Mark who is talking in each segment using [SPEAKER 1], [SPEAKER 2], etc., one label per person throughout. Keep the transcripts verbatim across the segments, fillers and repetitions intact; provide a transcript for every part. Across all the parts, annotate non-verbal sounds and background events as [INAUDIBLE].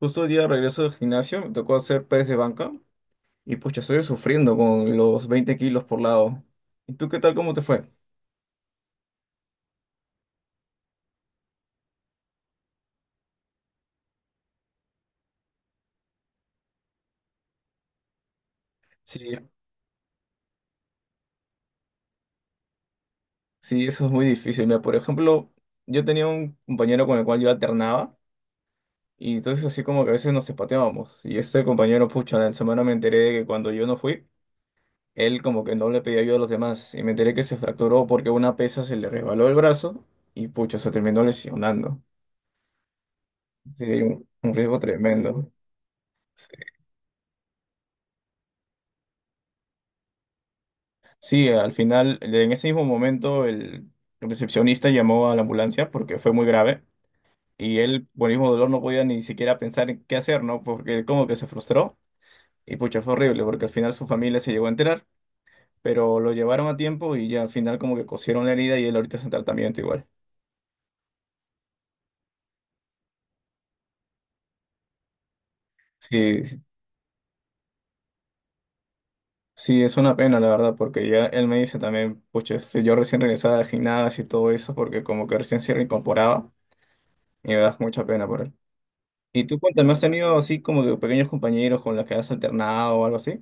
[SPEAKER 1] Justo hoy día regreso del gimnasio me tocó hacer press de banca y pucha, estoy sufriendo con los veinte kilos por lado. ¿Y tú qué tal? ¿Cómo te fue? Sí, sí, eso es muy difícil. Mira, por ejemplo, yo tenía un compañero con el cual yo alternaba y entonces así como que a veces nos zapateábamos. Y este compañero, pucha, en la semana me enteré de que cuando yo no fui, él como que no le pedía ayuda a los demás y me enteré que se fracturó porque una pesa se le resbaló el brazo y pucha, se terminó lesionando. Sí, un un riesgo tremendo. Sí. Sí, al final, en ese mismo momento, el recepcionista llamó a la ambulancia porque fue muy grave y él, por el mismo dolor, no podía ni siquiera pensar en qué hacer, ¿no? Porque él como que se frustró y pucha, fue horrible porque al final su familia se llegó a enterar, pero lo llevaron a tiempo y ya al final como que cosieron la herida y él ahorita está en tratamiento igual. Sí, sí, sí, es una pena, la verdad, porque ya él me dice también, pucha, este, yo recién regresaba al gimnasio y todo eso porque como que recién se reincorporaba y me da mucha pena por él. Y tú cuéntame, ¿has tenido así como que pequeños compañeros con los que has alternado o algo así?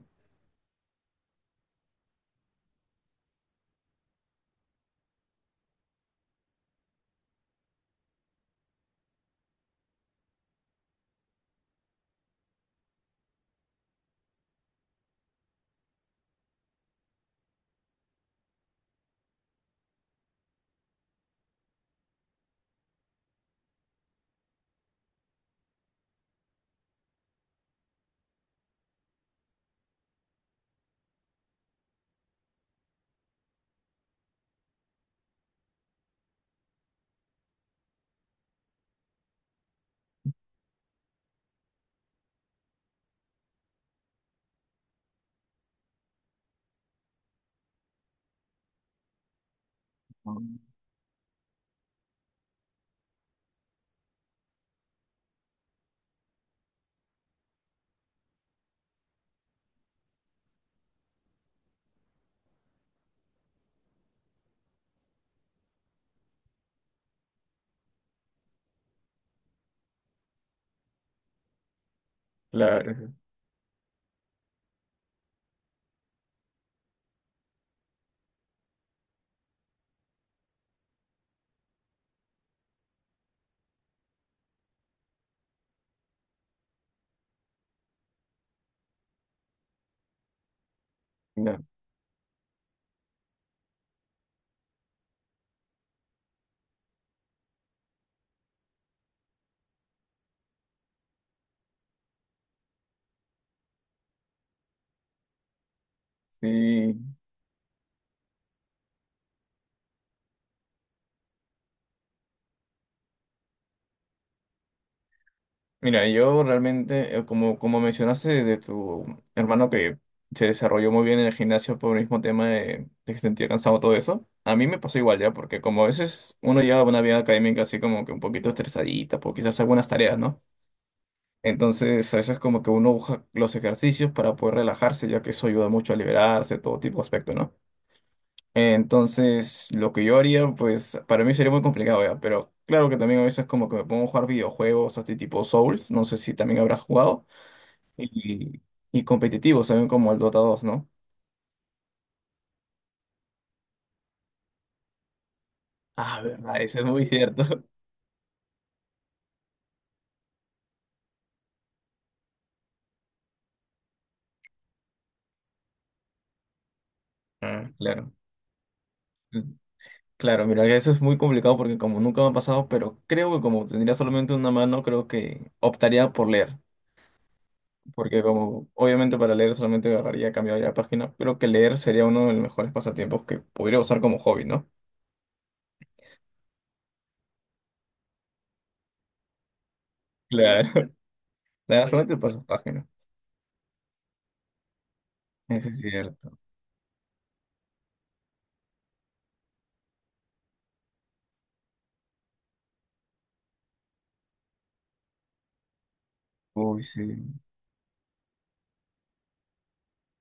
[SPEAKER 1] Ah, claro, eso sí, no, sí. Mira, yo realmente, eh, como, como mencionaste de tu hermano que se desarrolló muy bien en el gimnasio por el mismo tema de, de que se sentía cansado todo eso, a mí me pasó igual ya, porque como a veces uno lleva una vida académica así como que un poquito estresadita, por quizás algunas tareas, ¿no? Entonces, a veces como que uno busca los ejercicios para poder relajarse, ya que eso ayuda mucho a liberarse, todo tipo de aspecto, ¿no? Entonces, lo que yo haría, pues para mí sería muy complicado, ¿ya? Pero claro que también a veces como que me pongo a jugar videojuegos, así tipo Souls, no sé si también habrás jugado, y, y competitivos también como el Dota dos, ¿no? Ah, verdad, eso es muy cierto. [LAUGHS] Mm. Claro. Mm. Claro, mira, eso es muy complicado porque como nunca me ha pasado, pero creo que como tendría solamente una mano, creo que optaría por leer, porque como obviamente para leer solamente agarraría, cambiaría la página, pero que leer sería uno de los mejores pasatiempos que podría usar como hobby, ¿no? Claro. Le das cuenta y pasas página. Eso es cierto. Uy, sí.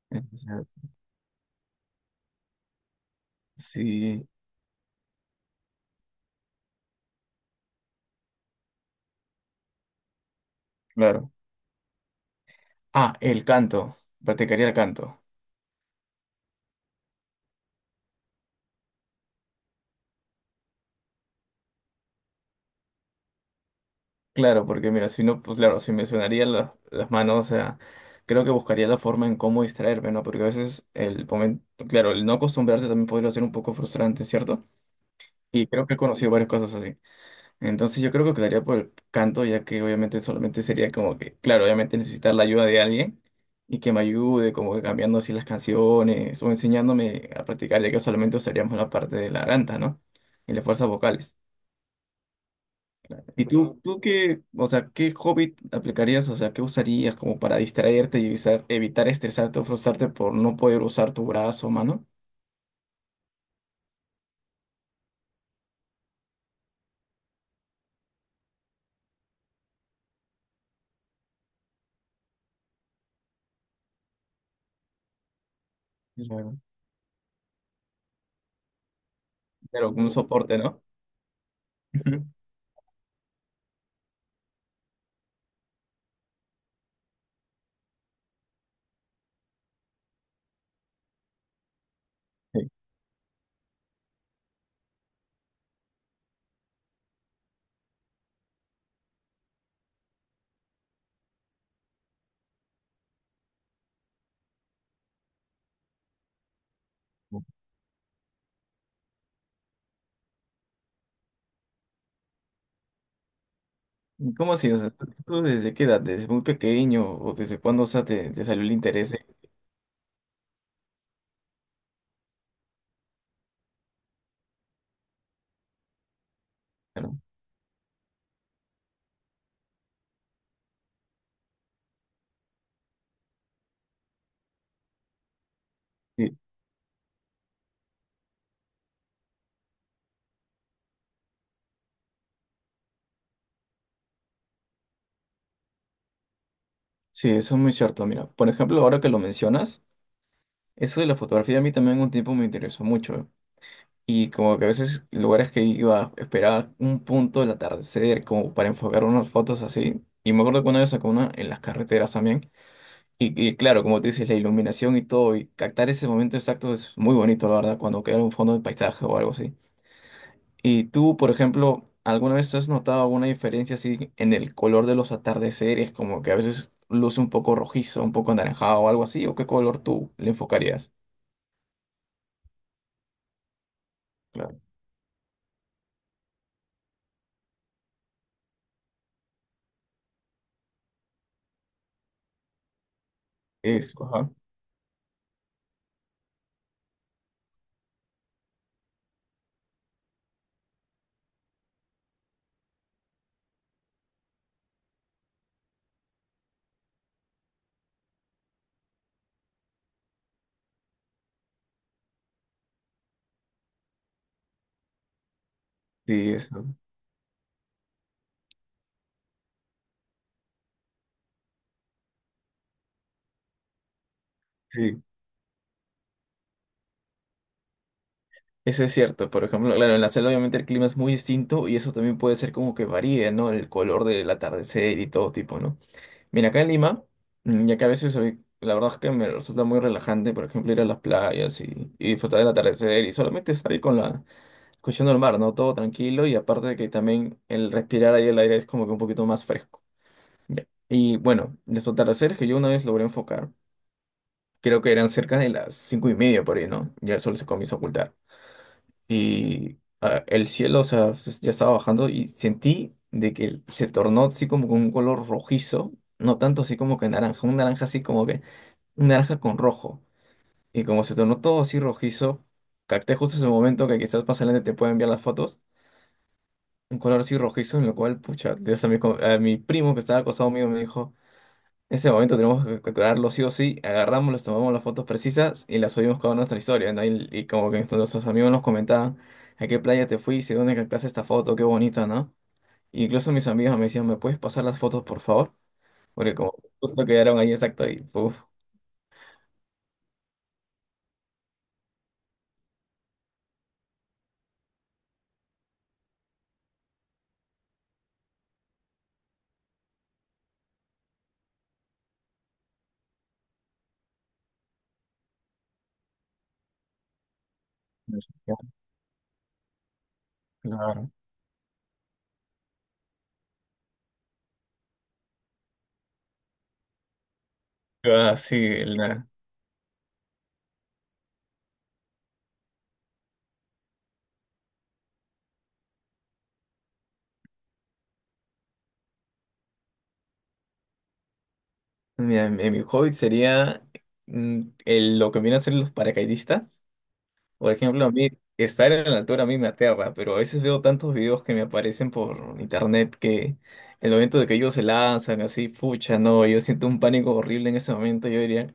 [SPEAKER 1] Eso es cierto. Sí, claro. Ah, el canto. Practicaría el canto. Claro, porque mira, si no, pues claro, si me sonarían la- las manos, o sea, creo que buscaría la forma en cómo distraerme, ¿no? Porque a veces el momento, claro, el no acostumbrarte también podría ser un poco frustrante, ¿cierto? Y creo que he conocido varias cosas así. Entonces yo creo que quedaría por el canto, ya que obviamente solamente sería como que, claro, obviamente necesitar la ayuda de alguien y que me ayude como que cambiando así las canciones o enseñándome a practicar, ya que solamente usaríamos la parte de la garganta, ¿no? Y las fuerzas vocales. ¿Y tú, claro, tú qué, o sea, qué hobby aplicarías, o sea, qué usarías como para distraerte y evitar, evitar estresarte o frustrarte por no poder usar tu brazo o mano? Claro. Pero como un soporte, ¿no? Ujú. Sí. ¿Cómo así? O sea, ¿tú tú desde qué edad? ¿Desde muy pequeño? ¿O desde cuándo, o sea, te, te salió el interés? ¿De claro? Sí, sí, eso es muy cierto. Mira, por ejemplo, ahora que lo mencionas, eso de la fotografía a mí también un tiempo me interesó mucho, ¿eh? Y como que a veces lugares que iba, esperaba un punto del atardecer como para enfocar unas fotos así. Y me acuerdo que una vez sacó una en las carreteras también. Y, y claro, como tú dices, la iluminación y todo, y captar ese momento exacto es muy bonito, la verdad, cuando queda un fondo de paisaje o algo así. Y tú, por ejemplo, ¿alguna vez has notado alguna diferencia así en el color de los atardeceres? Como que a veces luce un poco rojizo, un poco anaranjado o algo así, ¿o qué color tú le enfocarías? Claro. Eso, ajá. Sí, eso. Sí. Eso es cierto. Por ejemplo, claro, en la selva obviamente el clima es muy distinto y eso también puede ser como que varíe, ¿no? El color del atardecer y todo tipo, ¿no? Mira, acá en Lima, mm, ya que a veces soy- la verdad es que me resulta muy relajante, por ejemplo, ir a las playas y, y disfrutar del atardecer y solamente salir con la escuchando el mar, ¿no? Todo tranquilo y aparte de que también el respirar ahí el aire es como que un poquito más fresco. Ya. Y bueno, los atardeceres que yo una vez logré enfocar, creo que eran cerca de las cinco y media por ahí, ¿no? Ya el sol se comienza a ocultar. Y ah, el cielo, o sea, s- ya estaba bajando y sentí de que se tornó así como con un color rojizo, no tanto así como que naranja, un naranja así como que, un naranja con rojo. Y como se tornó todo así rojizo, capté justo ese momento que quizás más adelante te pueda enviar las fotos un color así rojizo, en lo cual, pucha, de eso a mi, co- a mi primo que estaba acostado mío me dijo, ese momento tenemos que capturarlo sí o sí, agarramos, les tomamos las fotos precisas y las subimos cada una a nuestra historia, ¿no? Y, y como que nuestros nuestros amigos nos comentaban, ¿a qué playa te fuiste? ¿Dónde captaste esta foto? Qué bonita, ¿no? Y incluso mis amigos me decían, ¿me puedes pasar las fotos, por favor? Porque como justo quedaron ahí exacto y, puf, claro. Ah, sí, la- mira, mi, mi hobby sería mm, el- lo que viene a ser los paracaidistas. Por ejemplo, a mí estar en la altura a mí me aterra, pero a veces veo tantos videos que me aparecen por internet que el momento de que ellos se lanzan así, pucha, no, yo siento un pánico horrible en ese momento, yo diría,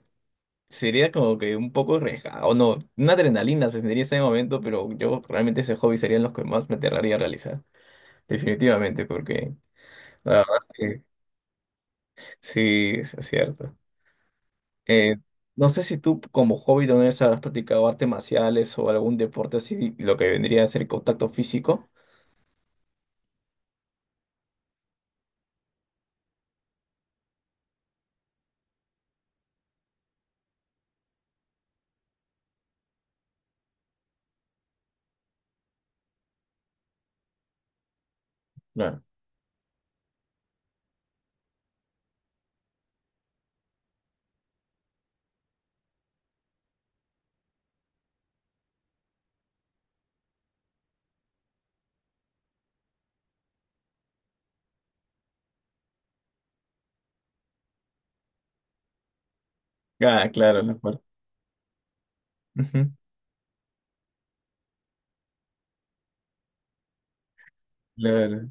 [SPEAKER 1] sería como que un poco arriesgado, no, una adrenalina se sentiría en ese momento, pero yo realmente ese hobby serían los que más me aterraría a realizar, definitivamente, porque la verdad que sí, es cierto. Eh, no sé si tú como hobby también has practicado artes marciales o algún deporte así, lo que vendría a ser contacto físico. Claro. Ah, claro, la parte. Ujú. Claro,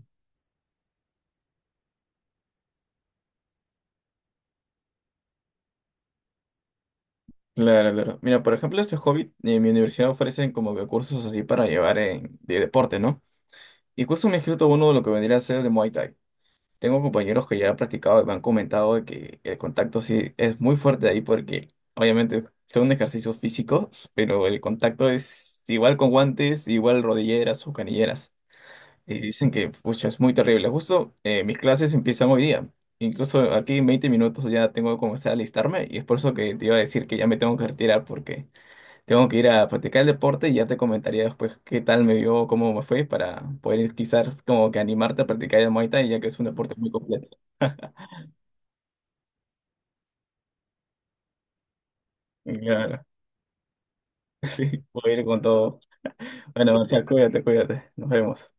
[SPEAKER 1] claro, claro. Mira, por ejemplo, este hobby, eh, en mi universidad ofrecen como que cursos así para llevar en- de deporte, ¿no? Y justo me he inscrito a uno de lo que vendría a ser de Muay Thai. Tengo compañeros que ya han practicado y me han comentado de que el contacto sí es muy fuerte ahí porque obviamente son ejercicios físicos, pero el contacto es igual con guantes, igual rodilleras o canilleras. Y dicen que, pucha, es muy terrible. Justo eh, mis clases empiezan hoy día. Incluso aquí en veinte minutos ya tengo que comenzar a alistarme y es por eso que te iba a decir que ya me tengo que retirar porque tengo que ir a practicar el deporte y ya te comentaría después qué tal me vio, cómo me fue para poder quizás como que animarte a practicar el Muay Thai ya que es un deporte muy completo. Claro, [LAUGHS] sí, voy a ir con todo. Bueno, Marcial, cuídate, cuídate. Nos vemos.